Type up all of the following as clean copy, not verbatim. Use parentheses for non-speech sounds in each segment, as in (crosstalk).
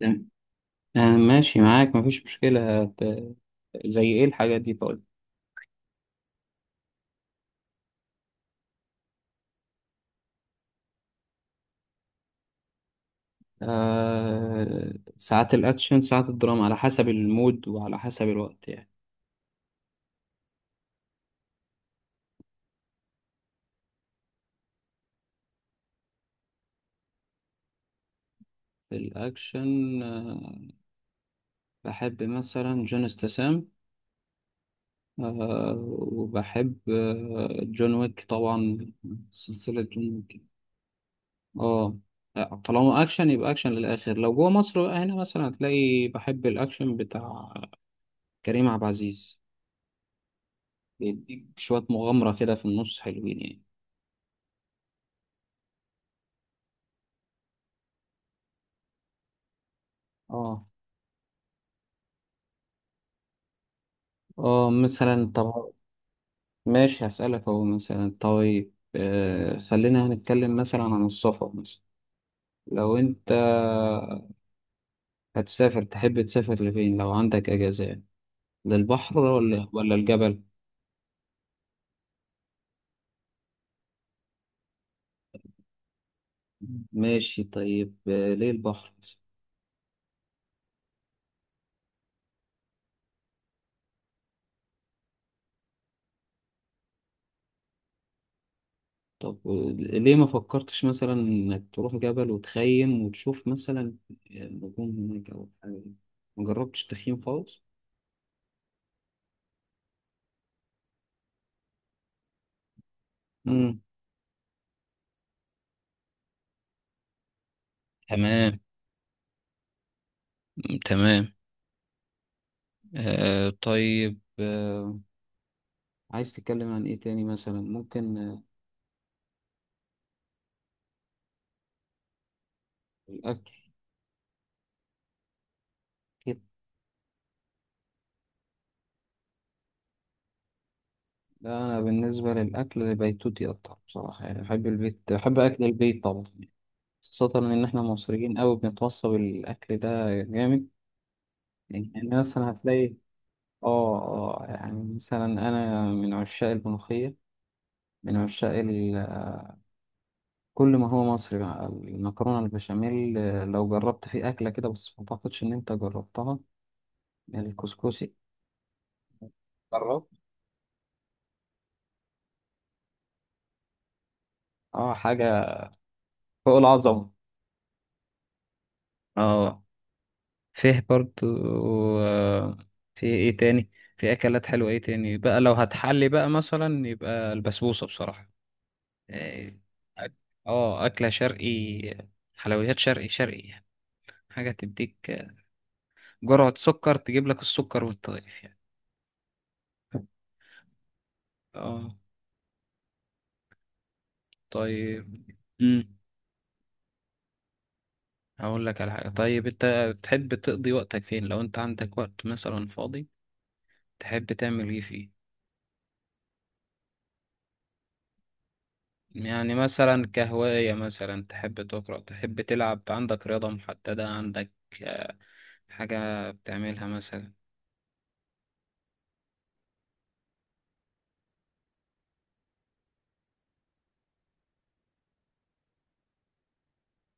تمام. ماشي معاك، مفيش مشكلة. زي ايه الحاجات دي؟ طيب. ساعات الاكشن ساعات الدراما، على حسب المود وعلى حسب الوقت يعني. الاكشن، بحب مثلا جون استسام، آه وبحب جون ويك طبعا، سلسلة جون ويك. اه لا، طالما اكشن يبقى اكشن للاخر. لو جوه مصر بقى، هنا مثلا هتلاقي بحب الاكشن بتاع كريم عبد العزيز، بيديك شوية مغامرة كده في النص، حلوين يعني. اه اه، مثلا طب، ماشي هسألك اهو. مثلا طيب، خلينا هنتكلم مثلا عن السفر. مثلا لو انت هتسافر، تحب تسافر لفين لو عندك اجازة يعني؟ للبحر ولا الجبل؟ ماشي طيب. ليه البحر مثلاً؟ طب ليه ما فكرتش مثلا انك تروح جبل وتخيم وتشوف مثلا النجوم هناك او حاجة؟ ما جربتش تخييم خالص؟ مم. تمام تمام. طيب، عايز تتكلم عن ايه تاني؟ مثلا ممكن الاكل. أكيد. لا انا بالنسبه للاكل بيتوتي اكتر بصراحه، يعني بحب البيت، بحب اكل البيت طبعا. خاصه ان احنا مصريين قوي بنتوصى بالاكل ده جامد. يعني مثلا هتلاقي، اه اه، يعني مثلا انا من عشاق الملوخيه، من عشاق ال... كل ما هو مصري بقى، المكرونه البشاميل. لو جربت في اكله كده، بس ما اعتقدش ان انت جربتها، يعني الكسكسي؟ جربت؟ اه، حاجه فوق العظمه. اه. فيه برضو، آه، في ايه تاني؟ في اكلات حلوة، ايه تاني بقى؟ لو هتحلي بقى مثلا، يبقى البسبوسة بصراحة. إيه، أك- اه اكلة شرقي، حلويات شرقي شرقي يعني. حاجة تديك جرعة سكر، تجيب لك السكر وانت طايف يعني. اه طيب. امم هقول لك على حاجة. طيب انت تحب تقضي وقتك فين لو انت عندك وقت مثلا فاضي؟ تحب تعمل ايه فيه؟ يعني مثلا كهواية، مثلا تحب تقرأ، تحب تلعب، عندك رياضة محددة، عندك آه، حاجة بتعملها مثلا؟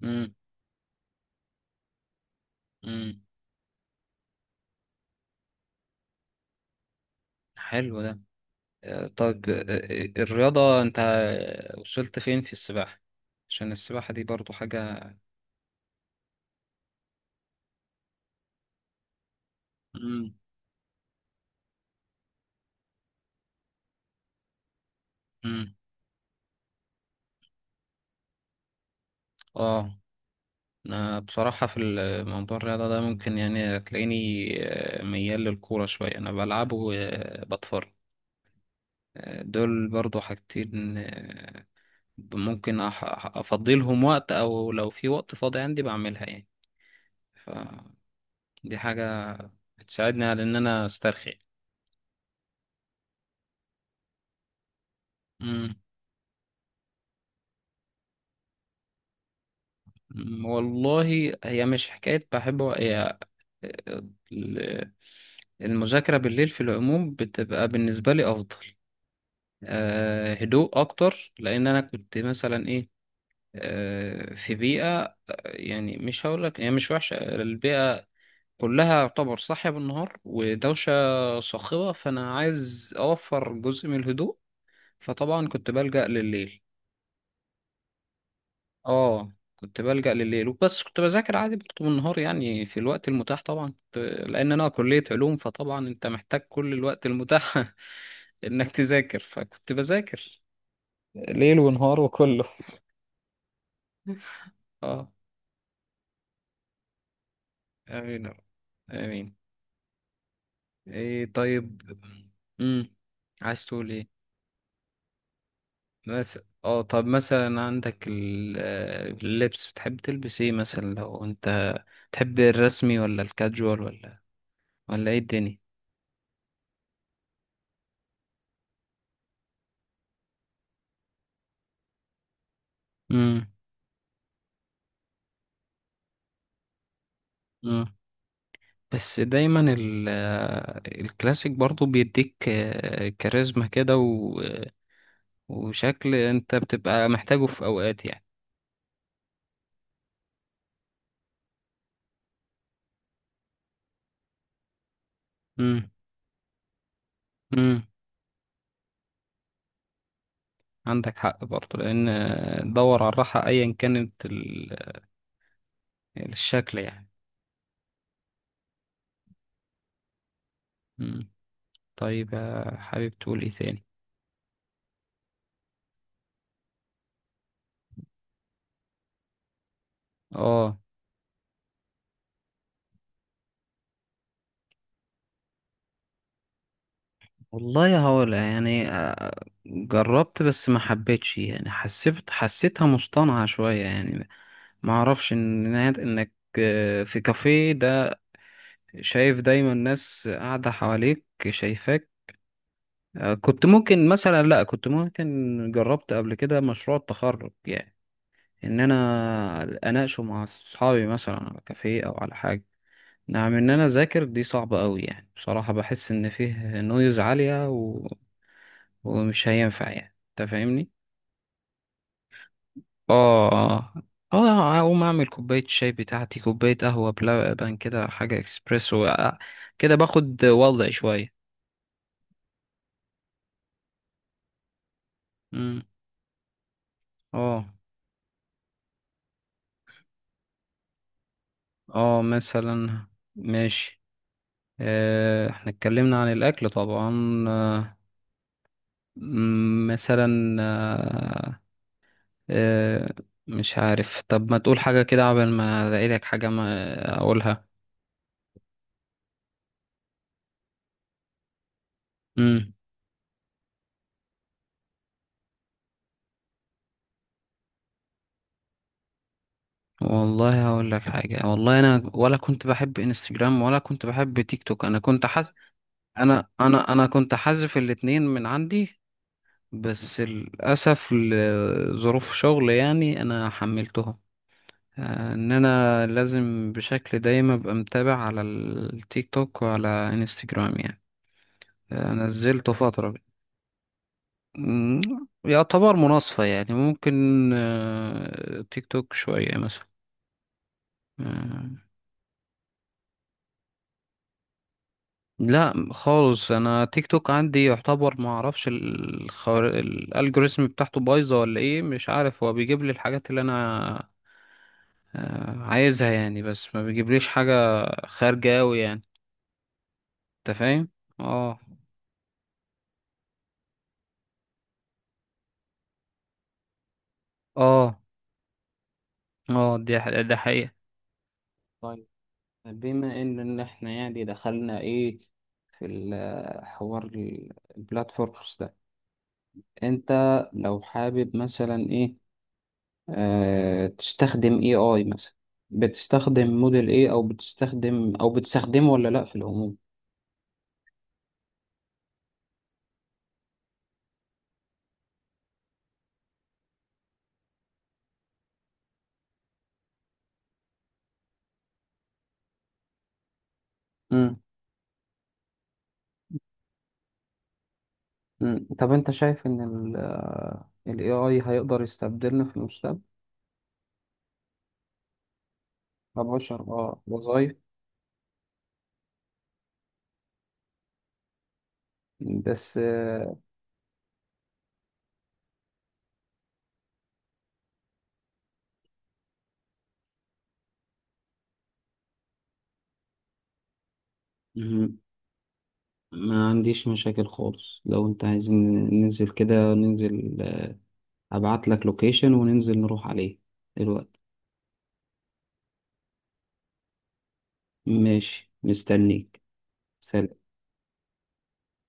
مم. مم. حلو ده. آه، طب آه، آه، الرياضة، أنت وصلت فين في السباحة؟ عشان السباحة دي برضو حاجة. مم. مم. اه، أنا بصراحة في موضوع الرياضة ده، ممكن يعني تلاقيني ميال للكورة شوية، أنا بلعبه وبتفرج. دول برضو حاجتين، ممكن افضلهم وقت، او لو في وقت فاضي عندي بعملها يعني. فدي حاجة بتساعدني على ان انا استرخي. مم. والله هي مش حكاية بحب. هي ال- المذاكرة بالليل في العموم بتبقى بالنسبة لي أفضل. هدوء أكتر، لأن أنا كنت مثلا إيه أه في بيئة، يعني مش هقولك هي مش وحشة. البيئة كلها يعتبر صاحية بالنهار ودوشة صاخبة، فأنا عايز أوفر جزء من الهدوء، فطبعا كنت بلجأ لليل. اه، كنت بلجأ لليل وبس. كنت بذاكر عادي برضه بالنهار يعني في الوقت المتاح. طبعا لأن أنا كلية علوم، فطبعا أنت محتاج كل الوقت المتاح (laughs) إنك تذاكر، فكنت بذاكر ليل ونهار وكله. اه. آمين يا رب. آمين. طيب. مم. عايز تقول إيه؟ بس. اه طب مثلا عندك اللبس، بتحب تلبس ايه مثلا؟ لو انت تحب الرسمي ولا الكاجوال، ولا ايه الدنيا؟ امم امم بس دايما الكلاسيك برضو بيديك كاريزما كده، وشكل انت بتبقى محتاجه في اوقات يعني. امم امم عندك حق برضو، لان دور على الراحة ايا كانت الشكل يعني. امم طيب، حابب تقول ايه تاني؟ اه، والله هقول يعني، جربت بس ما حبيتش، يعني حسيتها مصطنعة شوية يعني. ما اعرفش ان انك في كافيه ده، شايف دايما ناس قاعدة حواليك شايفاك. كنت ممكن مثلا لا كنت ممكن جربت قبل كده مشروع التخرج يعني، ان انا اناقشه مع اصحابي مثلا على كافيه او على حاجة. نعم، ان انا اذاكر دي صعبة قوي يعني. بصراحة بحس ان فيه نويز عالية ومش هينفع، يعني انت فاهمني. اه اه اه. اقوم اعمل كوباية شاي بتاعتي، كوباية قهوة بلبن كده، حاجة اكسبريسو، كده باخد وضعي شوية. امم اه اه، مثلا ماشي. احنا اتكلمنا عن الاكل طبعا. مثلا، آه، مش عارف. طب ما تقول حاجة كده قبل ما الاقي لك حاجة ما اقولها؟ امم والله هقول لك حاجة. والله انا ولا كنت بحب انستجرام ولا كنت بحب تيك توك. انا كنت انا كنت حذف الاتنين من عندي، بس للاسف لظروف شغل يعني انا حملتهم، ان انا لازم بشكل دايم ابقى متابع على التيك توك وعلى انستجرام يعني. نزلته فترة. مم، يعتبر مناصفة يعني، ممكن تيك توك شوية مثلا. آه، لا خالص، انا تيك توك عندي يعتبر ما اعرفش الالجوريزم بتاعته بايظة ولا ايه؟ مش عارف، هو بيجيب لي الحاجات اللي انا عايزها يعني، بس ما بيجيبليش حاجة خارجة اوي يعني، انت فاهم؟ اه اه اه. ده حقيقة. طيب، بما ان احنا يعني دخلنا ايه في الحوار، البلاتفورمز ده، انت لو حابب مثلا ايه، تستخدم اي اي مثلا؟ بتستخدم موديل ايه، او بتستخدمه ولا لا في العموم؟ مم. مم. طب انت شايف ان ال AI هيقدر يستبدلنا في المستقبل؟ كبشر، اه. وظايف. بس مهم. ما عنديش مشاكل خالص، لو انت عايز ننزل كده ننزل. ابعت لك لوكيشن وننزل نروح عليه دلوقتي. ماشي، مستنيك. سلام.